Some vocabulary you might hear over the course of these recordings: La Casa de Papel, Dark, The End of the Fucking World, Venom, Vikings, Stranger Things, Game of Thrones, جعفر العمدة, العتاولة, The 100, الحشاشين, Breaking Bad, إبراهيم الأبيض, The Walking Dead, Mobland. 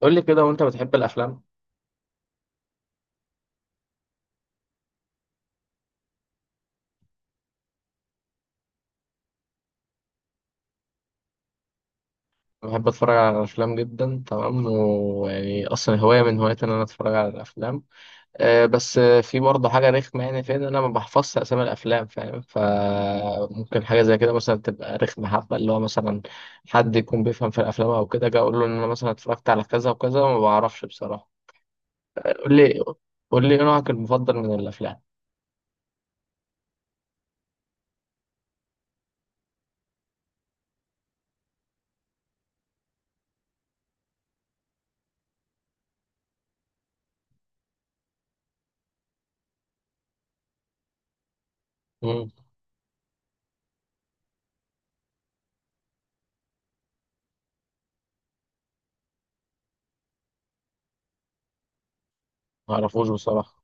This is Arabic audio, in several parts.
قول لي كده وانت بتحب الافلام؟ أنا بحب اتفرج على الافلام جدا، تمام، ويعني اصلا هوايه من هواياتي ان انا اتفرج على الافلام. بس في برضه حاجه رخمه، يعني فين، انا ما بحفظش اسامي الافلام، فاهم؟ فممكن حاجه زي كده مثلا تبقى رخمه، حبه اللي هو مثلا حد يكون بيفهم في الافلام او كده، جا اقول له ان انا مثلا اتفرجت على كذا وكذا وما بعرفش بصراحه. قول لي قول لي ايه نوعك المفضل من الافلام؟ امم. ما اعرفوش بصراحه.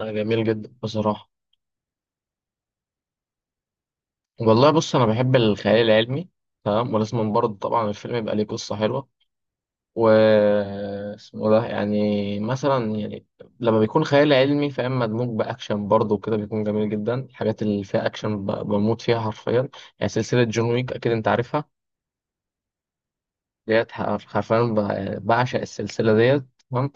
آه، جميل جدا بصراحه. والله بص، انا بحب الخيال العلمي، تمام، ولازم برضه طبعا الفيلم يبقى ليه قصه حلوه. و اسمه ده يعني مثلا يعني لما بيكون خيال علمي، فاهم، مدموج باكشن برضه وكده، بيكون جميل جدا الحاجات اللي فيها اكشن، بموت فيها حرفيا. يعني سلسله جون ويك اكيد انت عارفها. ديت، حرفيا بعشق السلسله ديت. تمام.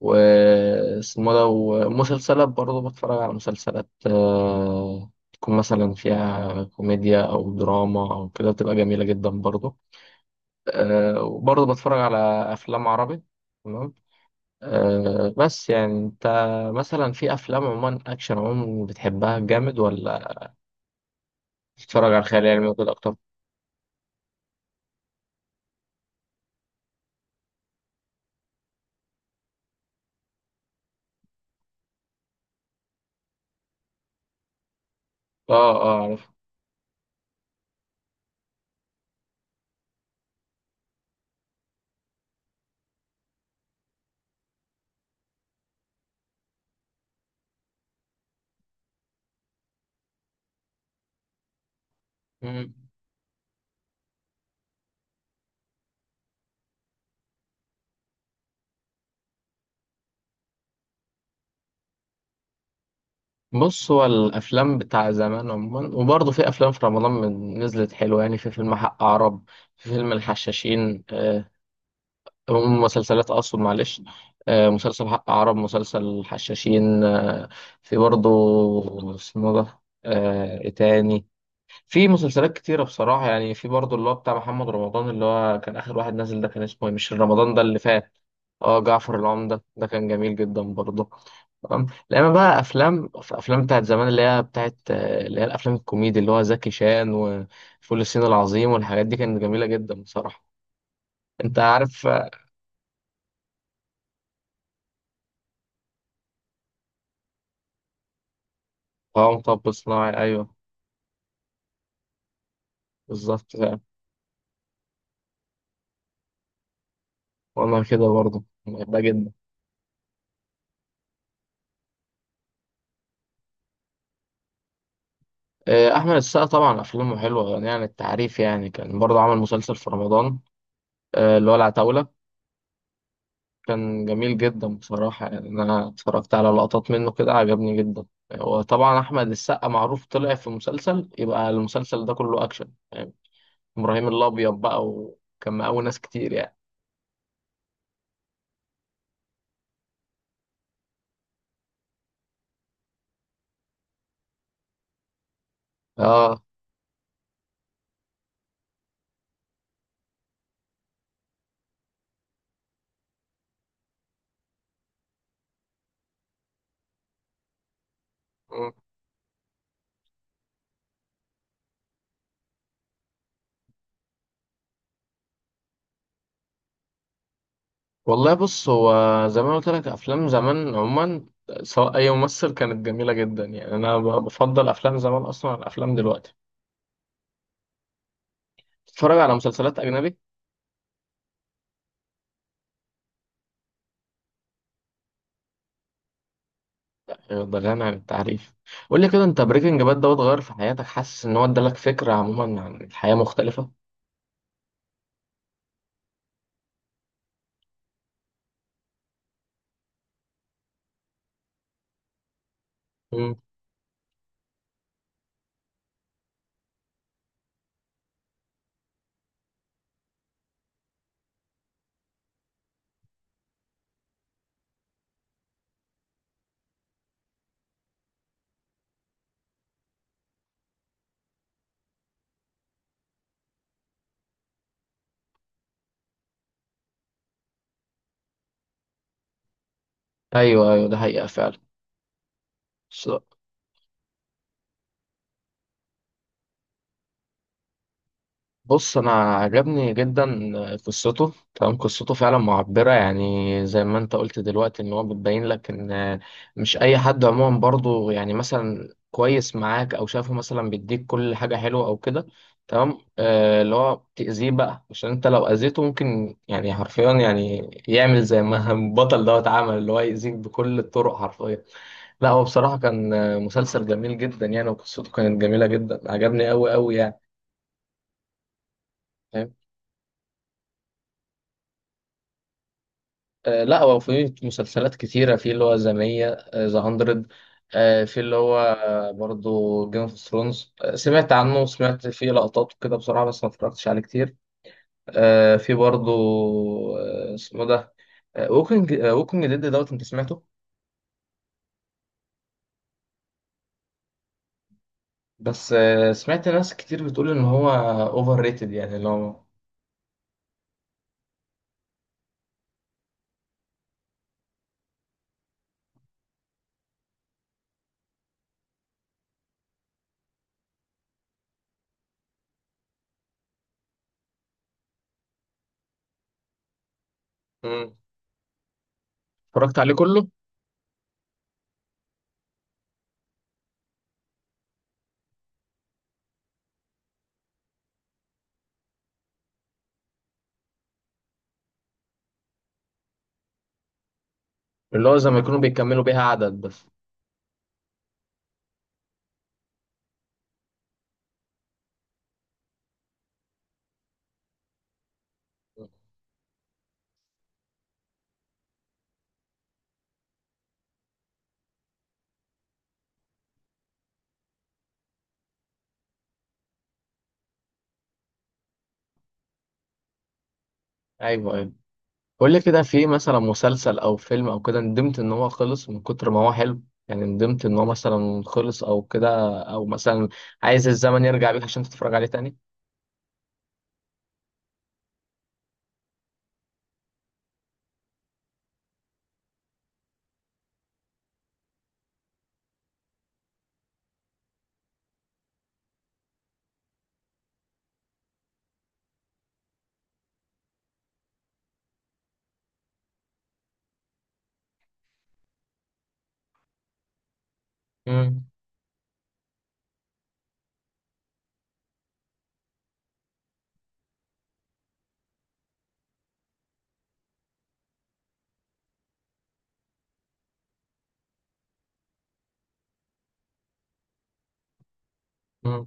واسمه ده ومسلسلات برضه، بتفرج على مسلسلات تكون مثلا فيها كوميديا أو دراما أو كده، بتبقى جميلة جدا برضه. آه، وبرضه بتفرج على أفلام عربي، تمام. بس يعني أنت مثلا في أفلام عموما، أكشن عموما، بتحبها جامد ولا بتتفرج على الخيال العلمي وكده أكتر؟ آه آه، عارف. بص، هو الافلام بتاع زمان عموما، وبرضه في افلام في رمضان من نزلت حلوه، يعني في فيلم حق عرب، في فيلم الحشاشين، مسلسلات اقصد، معلش. آه، مسلسل حق عرب، مسلسل الحشاشين، آه في برضه اسمه ده آه إيه تاني؟ في مسلسلات كتيرة بصراحة، يعني في برضه اللي هو بتاع محمد رمضان، اللي هو كان آخر واحد نازل، ده كان اسمه إيه؟ مش رمضان ده اللي فات. اه، جعفر العمدة، ده كان جميل جدا برضه. تمام. لما بقى أفلام، في أفلام بتاعت زمان اللي هي بتاعت، اللي هي الأفلام الكوميدي اللي هو زكي شان وفول الصين العظيم والحاجات دي، كانت جميلة جدا بصراحة. أنت عارف؟ اه، مطب صناعي، أيوه، بالظبط فعلا. وأنا كده برضه بحبها جدا. آه، أحمد السقا، طبعا أفلامه حلوة يعني عن التعريف. يعني كان برضه عمل مسلسل في رمضان، آه، اللي هو العتاولة، كان جميل جدا بصراحة. يعني أنا اتفرجت على لقطات منه كده، عجبني جدا. وطبعا أحمد السقا معروف، طلع في مسلسل، يبقى المسلسل ده كله أكشن يعني، إبراهيم الأبيض بقى، وكان مقاول ناس كتير يعني. آه. مم. والله بص، هو زي ما أنا قلت لك، أفلام زمان عموما سواء أي ممثل كانت جميلة جدا، يعني أنا بفضل أفلام زمان أصلا عن أفلام دلوقتي. تتفرج على مسلسلات أجنبي؟ أيوة، ده غني عن التعريف. قول لي كده، انت بريكنج باد دوت غير في حياتك، حاسس ان هو ادالك فكرة عموما عن الحياة مختلفة؟ امم. ايوه ايوه، ده حقيقة فعلا. بص، انا عجبني جدا قصته، تمام، قصته فعلا معبره يعني. زي ما انت قلت دلوقتي، ان هو بتبين لك ان مش اي حد عموما برضو، يعني مثلا كويس معاك او شافه مثلا، بيديك كل حاجه حلوه او كده. تمام. آه، اللي هو تاذيه بقى، عشان انت لو اذيته ممكن يعني حرفيا، يعني يعمل زي ما البطل دوت عمل، اللي هو يأذيك بكل الطرق حرفيا. لا هو بصراحه كان مسلسل جميل جدا يعني، وقصته كانت جميله جدا، عجبني قوي قوي يعني. آه، لا هو في مسلسلات كتيرة، في اللي هو ذا 100 في اللي هو برضو جيم اوف ثرونز، سمعت عنه وسمعت فيه لقطات وكده بصراحة، بس ما اتفرجتش عليه كتير. آه، في برضو، آه، اسمه ده، ووكينج ديد دوت، انت سمعته؟ بس آه، سمعت ناس كتير بتقول ان هو اوفر ريتد، يعني اللي هو، مم. اتفرجت عليه كله. اللي هو زي ما يكونوا بيكملوا بيها عدد بس. ايوه ايوه. قول لي كده، في مثلا مسلسل او فيلم او كده ندمت ان هو خلص من كتر ما هو حلو، يعني ندمت ان هو مثلا خلص او كده، او مثلا عايز الزمن يرجع بيك عشان تتفرج عليه تاني؟ امم امم.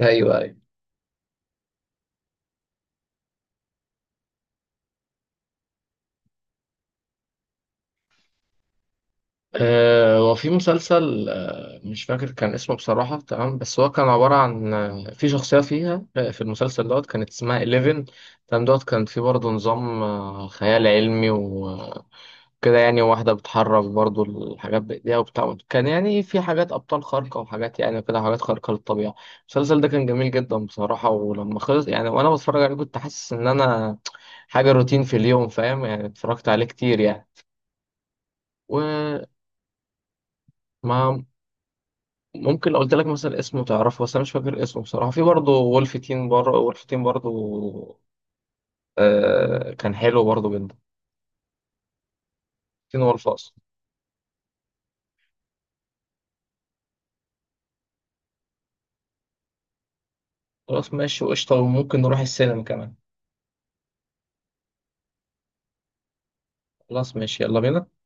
ايوه ايوه. وفي مسلسل، مش فاكر كان اسمه بصراحة، تمام، بس هو كان عبارة عن، آه، في شخصية فيها، في المسلسل دوت كانت اسمها 11، تمام. دوت كان في برضه نظام، آه، خيال علمي كده، يعني واحدة بتحرك برضو الحاجات بإيديها وبتاع، كان يعني في حاجات أبطال خارقة، وحاجات يعني كده حاجات خارقة للطبيعة. المسلسل ده كان جميل جدا بصراحة، ولما خلص، يعني وأنا بتفرج عليه كنت حاسس إن أنا حاجة روتين في اليوم، فاهم، يعني اتفرجت عليه كتير يعني. وما، ممكن لو قلت لك مثلا اسمه تعرفه، بس أنا مش فاكر اسمه بصراحة. في برضه وولف تين بره وولف تين برضه، آه، كان حلو برضه جدا. تين وولف أصلا. خلاص ماشي، وقشطة، وممكن نروح السينما كمان. خلاص ماشي، يلا بينا.